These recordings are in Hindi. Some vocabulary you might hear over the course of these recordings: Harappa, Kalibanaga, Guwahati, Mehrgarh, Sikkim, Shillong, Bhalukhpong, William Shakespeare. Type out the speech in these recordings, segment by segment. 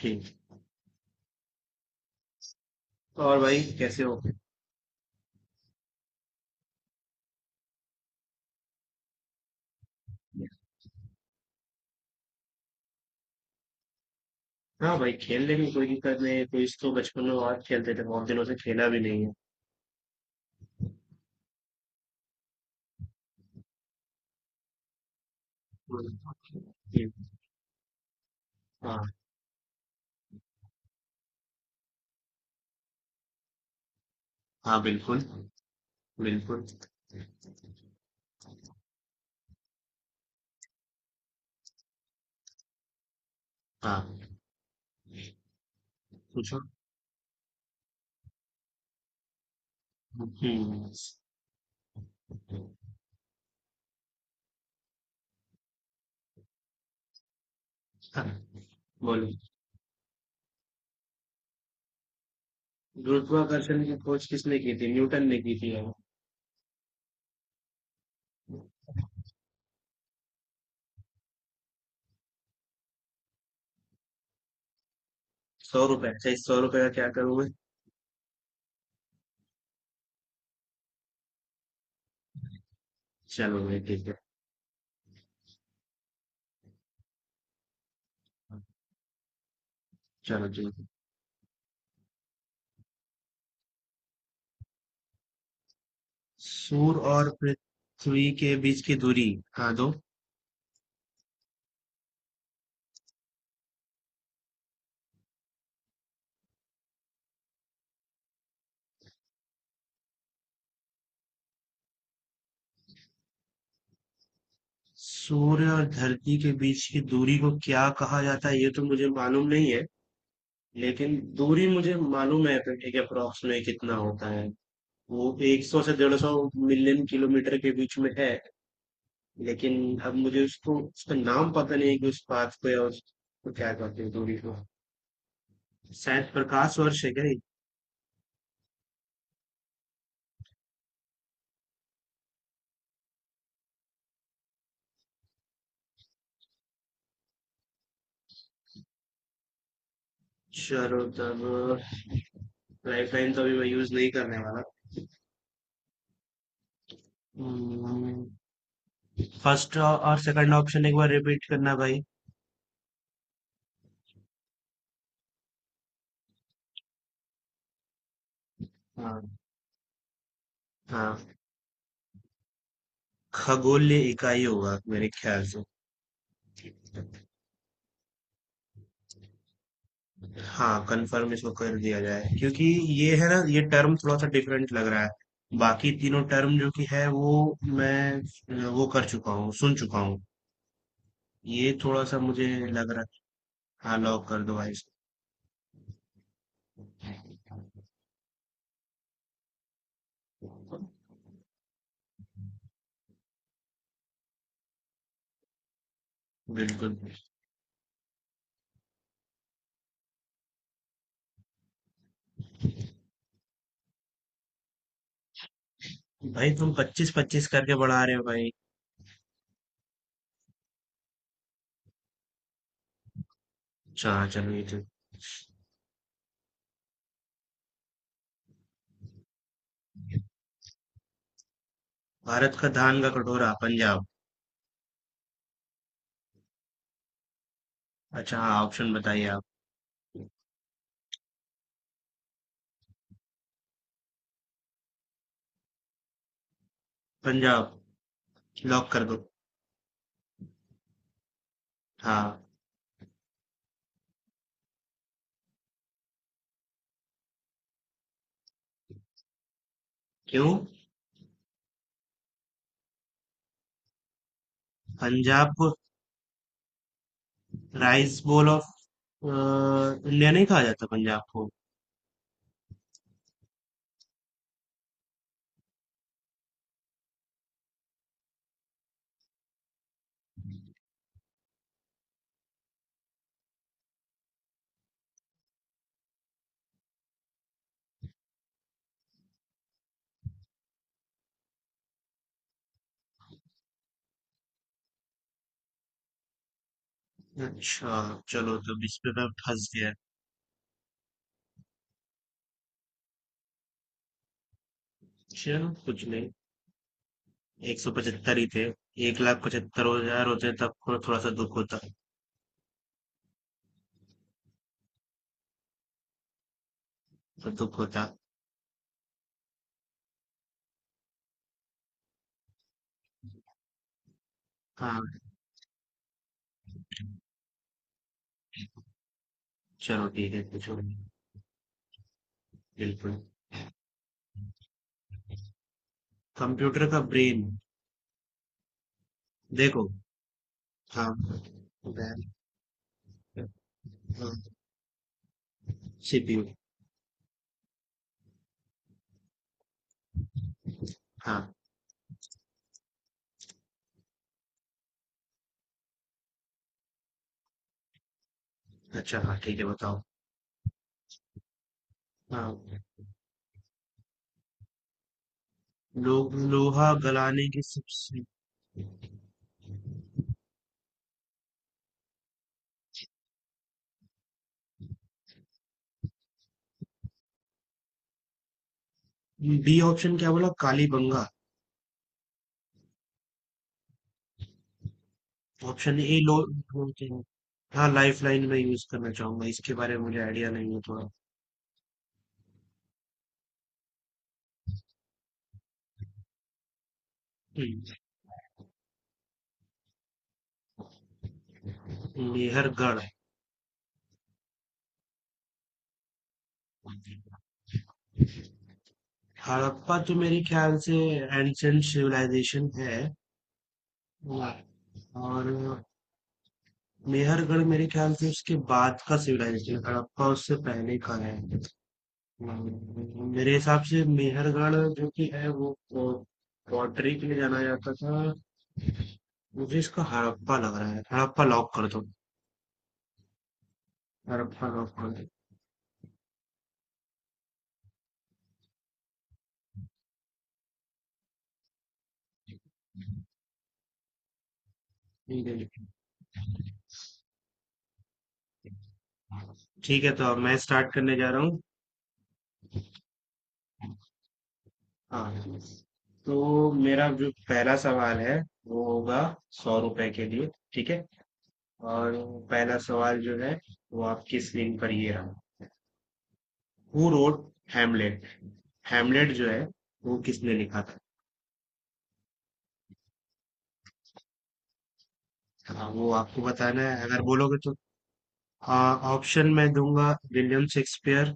जी। और भाई कैसे हो? हाँ भाई, खेल लेंगे, कोई दिक्कत नहीं है। क्विज तो इसको बचपन में बहुत खेलते थे, बहुत दिनों से खेला भी नहीं है। हम्म। जी। हाँ। हाँ बिल्कुल। बिल्कुल। हाँ पूछो। हम्म। हाँ, बोलो। गुरुत्वाकर्षण की खोज किसने की थी? न्यूटन ने की थी यार। सौ रुपए, अच्छा इस 100 रुपए का क्या करूँगा? चलो भाई ठीक है। चलो ठीक है। सूर्य और पृथ्वी के बीच की दूरी। हाँ दो। सूर्य और धरती के बीच की दूरी को क्या कहा जाता है, ये तो मुझे मालूम नहीं है। लेकिन दूरी मुझे मालूम है, एक अप्रोक्स में कितना होता है। वो 100 से 150 मिलियन किलोमीटर के बीच में है। लेकिन अब मुझे उसको, उसका नाम पता नहीं है कि उस पाथ को या उसको क्या कहते हैं दूरी को। शायद प्रकाश वर्ष है क्या ये? चलो तब लाइफ लाइन तो अभी मैं यूज नहीं करने वाला। फर्स्ट और सेकंड ऑप्शन एक बार रिपीट करना भाई। हाँ। हाँ खगोलीय इकाई होगा मेरे ख्याल से। हाँ कंफर्म इसको कर दिया जाए, क्योंकि ये है ना, ये टर्म थोड़ा सा डिफरेंट लग रहा है, बाकी तीनों टर्म जो कि है वो मैं वो कर चुका हूँ, सुन चुका हूँ। ये थोड़ा सा मुझे लग रहा है। हाँ लॉक कर दो भाई इसको। बिल्कुल। भाई तुम पच्चीस पच्चीस करके बढ़ा रहे हो भाई। अच्छा हाँ चलो ये तो। भारत का धान का कटोरा पंजाब। अच्छा हाँ ऑप्शन बताइए आप। पंजाब। लॉक कर दो। हाँ। क्यों? पंजाब को, राइस बोल ऑफ इंडिया नहीं कहा जाता पंजाब को? अच्छा। चलो तब इस पे मैं फंस गया। चलो कुछ नहीं, 175 ही थे। 1,75,000 होते तब को थोड़ा सा दुख होता। तो दुख होता। हाँ चलो ठीक है पूछो। बिल्कुल। कंप्यूटर का ब्रेन। देखो। हाँ। सीपीयू। हाँ। अच्छा हाँ ठीक है बताओ। हाँ। लो, लोहा गलाने की सबसे। बी ऑप्शन क्या बोला, कालीबंगा? ऑप्शन ए लो होते हैं। हाँ लाइफ लाइन में यूज करना चाहूंगा, इसके बारे में मुझे आइडिया नहीं है थोड़ा। मेहरगढ़। हड़प्पा तो मेरे ख्याल से एंशियंट सिविलाइजेशन है, और मेहरगढ़ मेरे ख्याल से उसके बाद का सिविलाइजेशन, हड़प्पा उससे पहले का है। मेरे हिसाब से मेहरगढ़ जो कि है वो पॉटरी के लिए जाना जाता था। मुझे इसका हड़प्पा लग रहा है, हड़प्पा लॉक कर दो। हड़प्पा लॉक कर दो। ठीक है। ठीक है तो अब मैं स्टार्ट करने जा रहा हूँ। हाँ। तो मेरा जो पहला सवाल है वो होगा 100 रुपए के लिए। ठीक है। और पहला सवाल जो है वो आपकी स्क्रीन पर ये रहा। Who wrote Hamlet. हेमलेट जो है वो किसने लिखा? था हाँ, वो आपको बताना है अगर बोलोगे तो। हाँ ऑप्शन मैं दूंगा विलियम शेक्सपियर,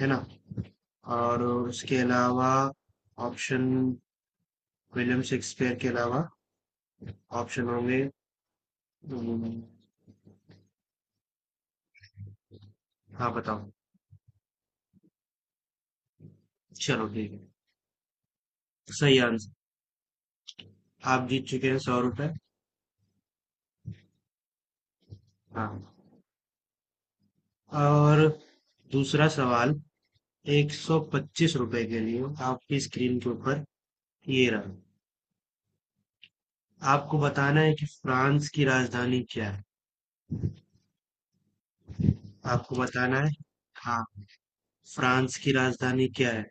है ना? और उसके अलावा ऑप्शन, विलियम शेक्सपियर के अलावा ऑप्शन होंगे। हम्म। हाँ बताओ। चलो ठीक है। सही आंसर। आप जीत चुके हैं 100 रुपए। हाँ। और दूसरा सवाल 125 रुपए के लिए, आपकी स्क्रीन के ऊपर ये रहा। आपको बताना है कि फ्रांस की राजधानी क्या है। आपको बताना है। हाँ, फ्रांस की राजधानी क्या है?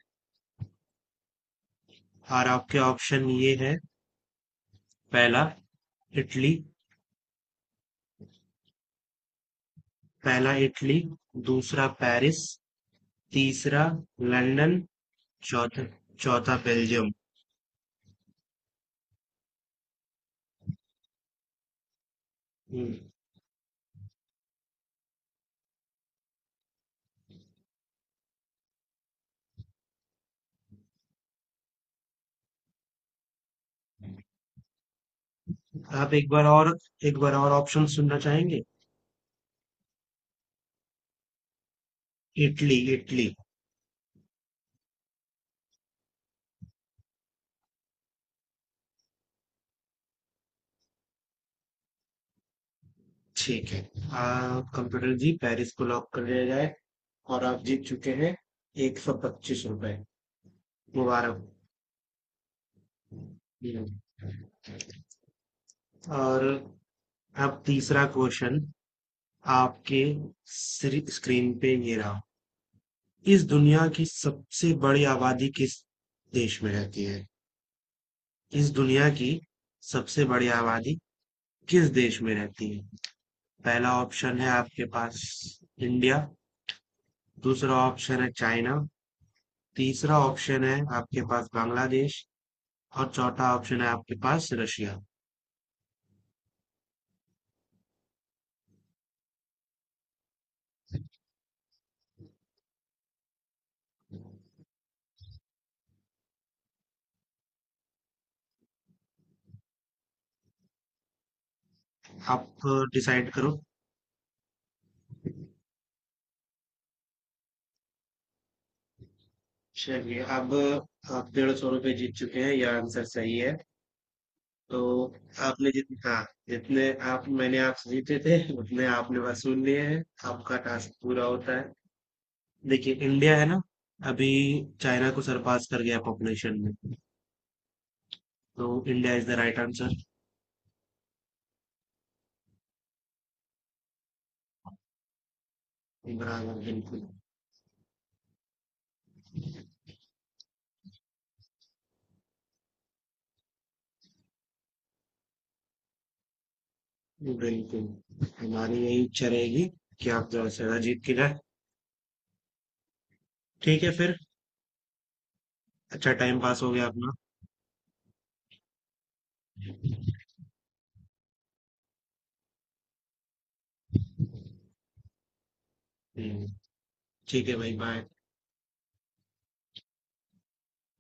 और आपके ऑप्शन ये है। पहला इटली। पहला इटली। दूसरा पेरिस। तीसरा लंदन। चौथा, चौथा बेल्जियम। हम्म। आप एक बार और, एक बार और ऑप्शन सुनना चाहेंगे? इटली। इटली। ठीक है। कंप्यूटर जी पेरिस को लॉक कर दिया जाए। और आप जीत चुके हैं 125 रुपए। मुबारक। हम्म। और अब तीसरा क्वेश्चन आपके स्क्रीन पे ये रहा। इस दुनिया की सबसे बड़ी आबादी किस देश में रहती है? इस दुनिया की सबसे बड़ी आबादी किस देश में रहती है? पहला ऑप्शन है आपके पास इंडिया। दूसरा ऑप्शन है चाइना। तीसरा ऑप्शन है आपके पास बांग्लादेश। और चौथा ऑप्शन है आपके पास रशिया। आप डिसाइड करो। चलिए, अब आप 150 रुपये जीत चुके हैं, यह आंसर सही है तो। आपने जितने, हाँ जितने आप, मैंने आपसे जीते थे उतने आपने वसूल लिए हैं। आपका टास्क पूरा होता है। देखिए इंडिया है ना, अभी चाइना को सरपास कर गया पॉपुलेशन में। तो India is the right answer. बराबर बिल्कुल। बिल्कुल हमारी यही इच्छा रहेगी कि आप ज्यादा से ज्यादा जीत के जाए। ठीक है फिर, अच्छा टाइम पास हो गया अपना। हम्म। ठीक है भाई बाय।